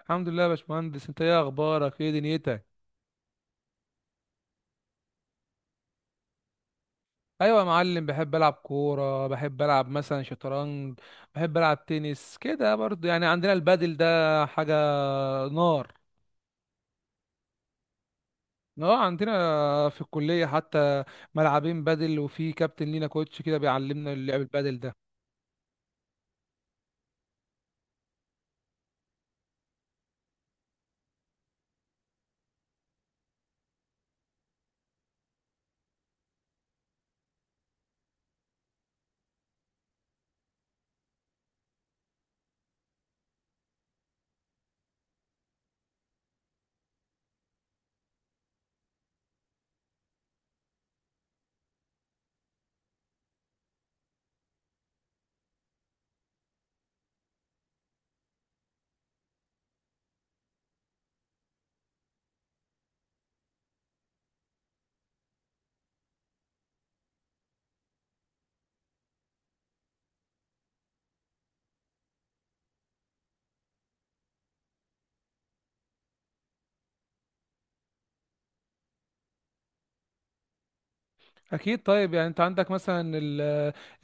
الحمد لله يا باشمهندس. انت ايه اخبارك؟ ايه دنيتك؟ ايوه يا معلم، بحب العب كوره، بحب العب مثلا شطرنج، بحب العب تنس كده برضو. يعني عندنا البادل ده حاجه نار. اه عندنا في الكليه حتى ملعبين بادل، وفي كابتن لينا كوتش كده بيعلمنا لعب البادل ده. اكيد. طيب يعني انت عندك مثلا ال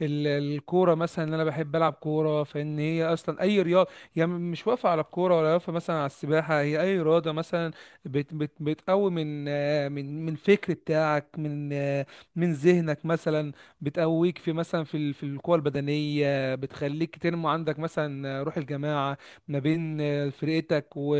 ال الكوره مثلا ان انا بحب العب كوره، فان هي اصلا اي رياضه، هي مش واقفه على الكوره ولا واقفه مثلا على السباحه، هي اي رياضه مثلا بت بتقوي من من الفكر بتاعك، من من ذهنك مثلا. بتقويك في مثلا في القوه البدنيه، بتخليك تنمو عندك مثلا روح الجماعه ما بين فرقتك. و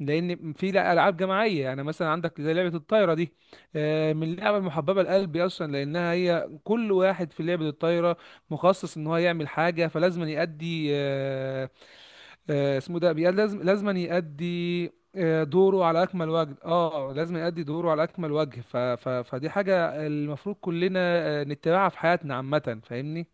لان في العاب جماعيه، يعني مثلا عندك زي لعبه الطايره دي، من اللعبة المحببة لقلبي أصلا، لأنها هي كل واحد في لعبة الطايرة مخصص إن هو يعمل حاجة، فلازم يأدي اسمه ده لازم يأدي دوره على أكمل وجه. اه لازم يأدي دوره على أكمل وجه. ف ف فدي حاجة المفروض كلنا نتبعها في حياتنا عامة، فاهمني.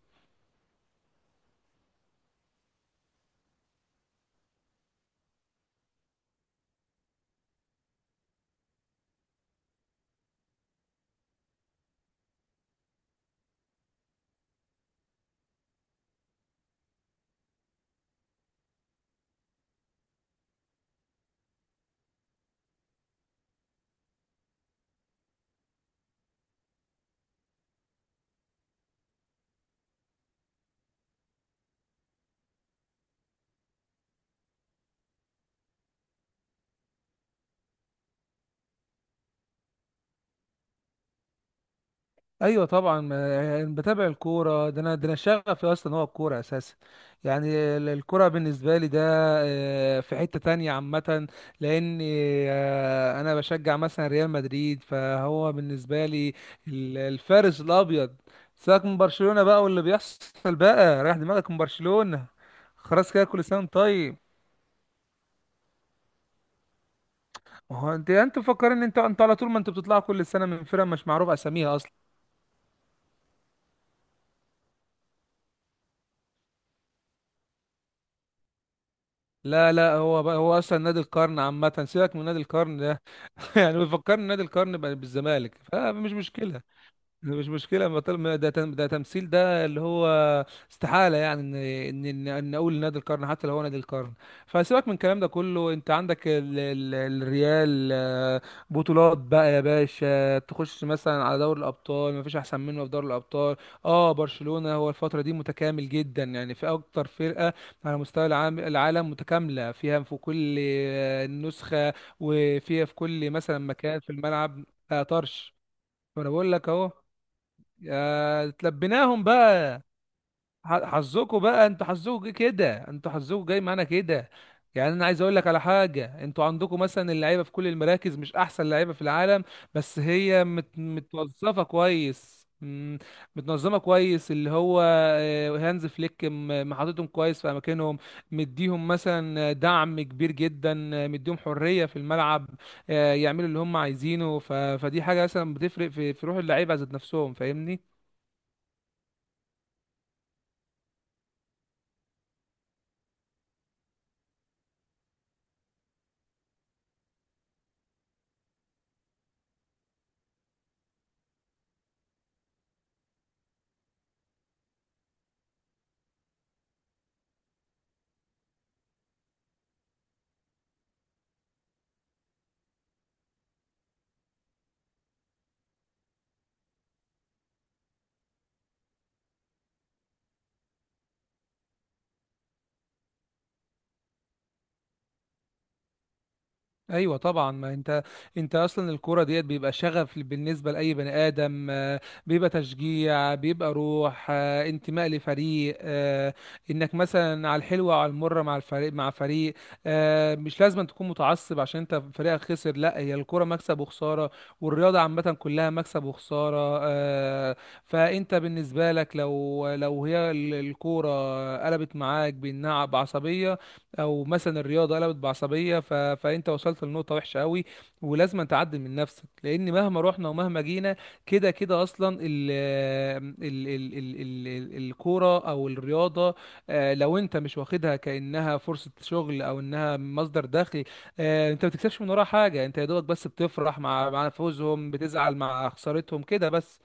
ايوه طبعا. يعني بتابع الكوره. ده انا شغفي اصلا هو الكوره اساسا. يعني الكوره بالنسبه لي ده في حته تانية عامه. لان انا بشجع مثلا ريال مدريد، فهو بالنسبه لي الفارس الابيض. سيبك من برشلونه بقى، واللي بيحصل بقى رايح دماغك من برشلونه. خلاص كده، كل سنه وأنت طيب. ما هو انت مفكرين ان انتوا على طول، ما انتوا بتطلعوا كل سنه من فرقه مش معروف اساميها. لا لا، هو بقى هو اصلا نادي القرن عامه، سيبك من نادي القرن ده. يعني بيفكرني نادي القرن بقى بالزمالك، فمش مشكله. مش مشكلة. ما طالما ما ده ده تمثيل، ده اللي هو استحالة يعني ان إن اقول نادي القرن حتى لو هو نادي القرن. فسيبك من الكلام ده كله. انت عندك ال الريال بطولات بقى يا باشا. تخش مثلا على دوري الابطال، ما فيش احسن منه في دوري الابطال. اه برشلونة هو الفترة دي متكامل جدا، يعني في اكتر فرقة على مستوى العالم، متكاملة فيها في كل نسخة، وفيها في كل مثلا مكان في الملعب. لا طرش. فانا بقول لك اهو. يا تلبيناهم بقى. حظكوا بقى، انتوا حظكوا جاي معانا كده. يعني انا عايز اقول لك على حاجه. انتوا عندكم مثلا اللعيبه في كل المراكز، مش احسن لعيبه في العالم. بس هي متوظفه كويس، متنظمه كويس، اللي هو هانز فليك محطتهم كويس في اماكنهم. مديهم مثلا دعم كبير جدا، مديهم حريه في الملعب يعملوا اللي هم عايزينه. فدي حاجه مثلا بتفرق في روح اللعيبه ذات نفسهم، فاهمني. ايوه طبعا. ما انت اصلا الكوره ديت بيبقى شغف بالنسبه لاي بني ادم بيبقى تشجيع، بيبقى روح انتماء لفريق انك مثلا على الحلوه وعلى المره مع الفريق مع فريق مش لازم تكون متعصب عشان انت فريقك خسر. لا هي الكوره مكسب وخساره، والرياضه عامه كلها مكسب وخساره فانت بالنسبه لك، لو هي الكوره قلبت معاك بانها بعصبيه، او مثلا الرياضه قلبت بعصبيه، فانت وصلت لنقطه وحشه قوي، ولازم تعدل من نفسك. لان مهما رحنا ومهما جينا، كده كده اصلا ال... ال... الكوره او الرياضه، لو انت مش واخدها كانها فرصه شغل او انها مصدر دخل انت ما بتكسبش من وراها حاجه، انت يا دوبك بس بتفرح مع فوزهم، بتزعل مع خسارتهم كده بس.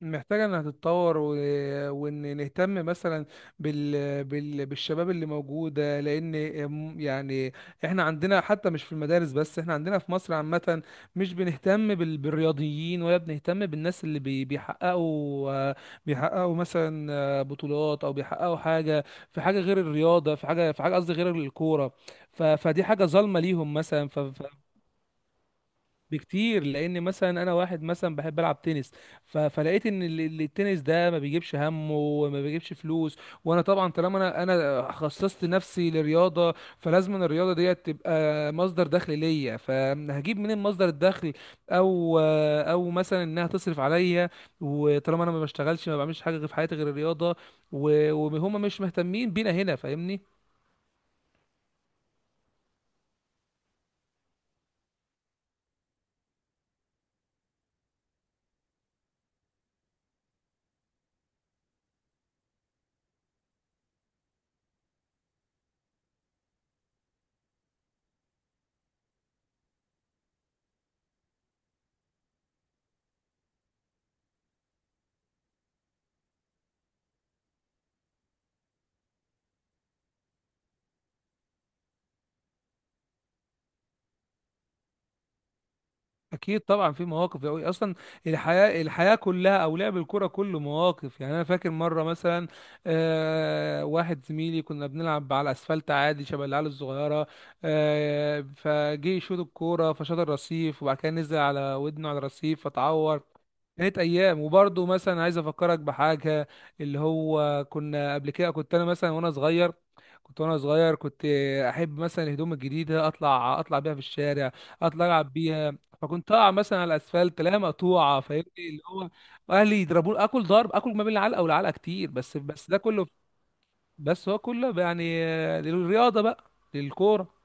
محتاجة انها تتطور وان نهتم مثلا بالشباب اللي موجودة. لان يعني احنا عندنا، حتى مش في المدارس بس، احنا عندنا في مصر عامة مش بنهتم بالرياضيين، ولا بنهتم بالناس اللي بي... بيحققوا بيحققوا مثلا بطولات، او بيحققوا حاجة في حاجة غير الرياضة، في حاجة قصدي غير الكورة. فدي حاجة ظالمة ليهم مثلا بكتير. لان مثلا انا واحد مثلا بحب العب تنس، فلقيت ان التنس ده ما بيجيبش همه وما بيجيبش فلوس. وانا طبعا طالما انا خصصت نفسي لرياضه، فلازم أن الرياضه ديت تبقى مصدر دخل ليا. فهجيب منين مصدر الدخل؟ او او مثلا انها تصرف عليا. وطالما انا ما بشتغلش، ما بعملش حاجه في حياتي غير الرياضه، وهم مش مهتمين بينا هنا، فاهمني. اكيد طبعا، في مواقف قوي اصلا. الحياه كلها، او لعب الكره كله مواقف. يعني انا فاكر مره مثلا واحد زميلي، كنا بنلعب على الاسفلت عادي شبه العيال الصغيره، فجه يشوط الكوره، فشاط الرصيف، وبعد كده نزل على ودنه على الرصيف فتعور. كانت ايام. وبرضه مثلا عايز افكرك بحاجه، اللي هو كنا قبل كده، كنت انا مثلا وانا صغير كنت وانا صغير كنت احب مثلا الهدوم الجديده، اطلع بيها في الشارع، اطلع العب بيها. فكنت اقع مثلا على الاسفلت، لا مقطوعه، فاهمني، اللي هو اهلي يضربوني، اكل ضرب، اكل ما بين العلقه والعلقه كتير. بس ده كله، بس هو كله يعني للرياضه بقى، للكوره.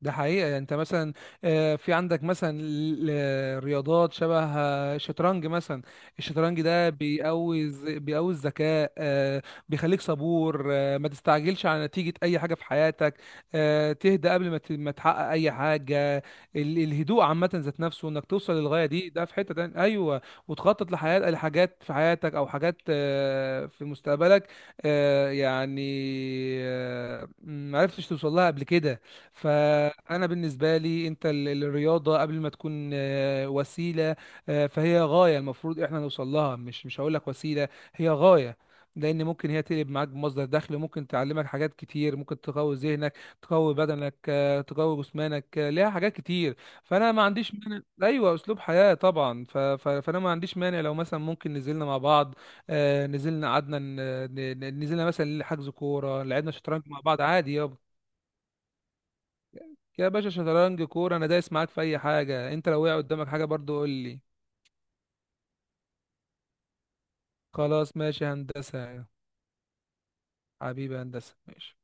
ده حقيقة. يعني انت مثلا في عندك مثلا رياضات شبه الشطرنج مثلا. الشطرنج ده بيقوي بيقوي الذكاء، بيخليك صبور، ما تستعجلش على نتيجة اي حاجة في حياتك، تهدى قبل ما ما تحقق اي حاجة. الهدوء عامة ذات نفسه، انك توصل للغاية دي، ده في حتة تانية ايوه. وتخطط لحياة، لحاجات في حياتك، او حاجات في مستقبلك، آه، يعني ما عرفتش توصل لها قبل كده. فانا بالنسبه لي، انت الرياضه قبل ما تكون وسيله، فهي غايه المفروض احنا نوصل لها. مش هقول لك وسيله، هي غايه. لان ممكن هي تقلب معاك بمصدر دخل، ممكن تعلمك حاجات كتير، ممكن تقوي ذهنك، تقوي بدنك، تقوي جسمانك، ليها حاجات كتير. فانا ما عنديش مانع. ايوه اسلوب حياه طبعا. فانا ما عنديش مانع. لو مثلا ممكن نزلنا مع بعض، نزلنا قعدنا نزلنا مثلا حجز كوره، لعبنا شطرنج مع بعض عادي. يا باشا شطرنج كورة، انا دايس معاك في اي حاجة. انت لو وقع قدامك حاجة برضو، قول لي. خلاص ماشي هندسة. حبيبي هندسة ماشي.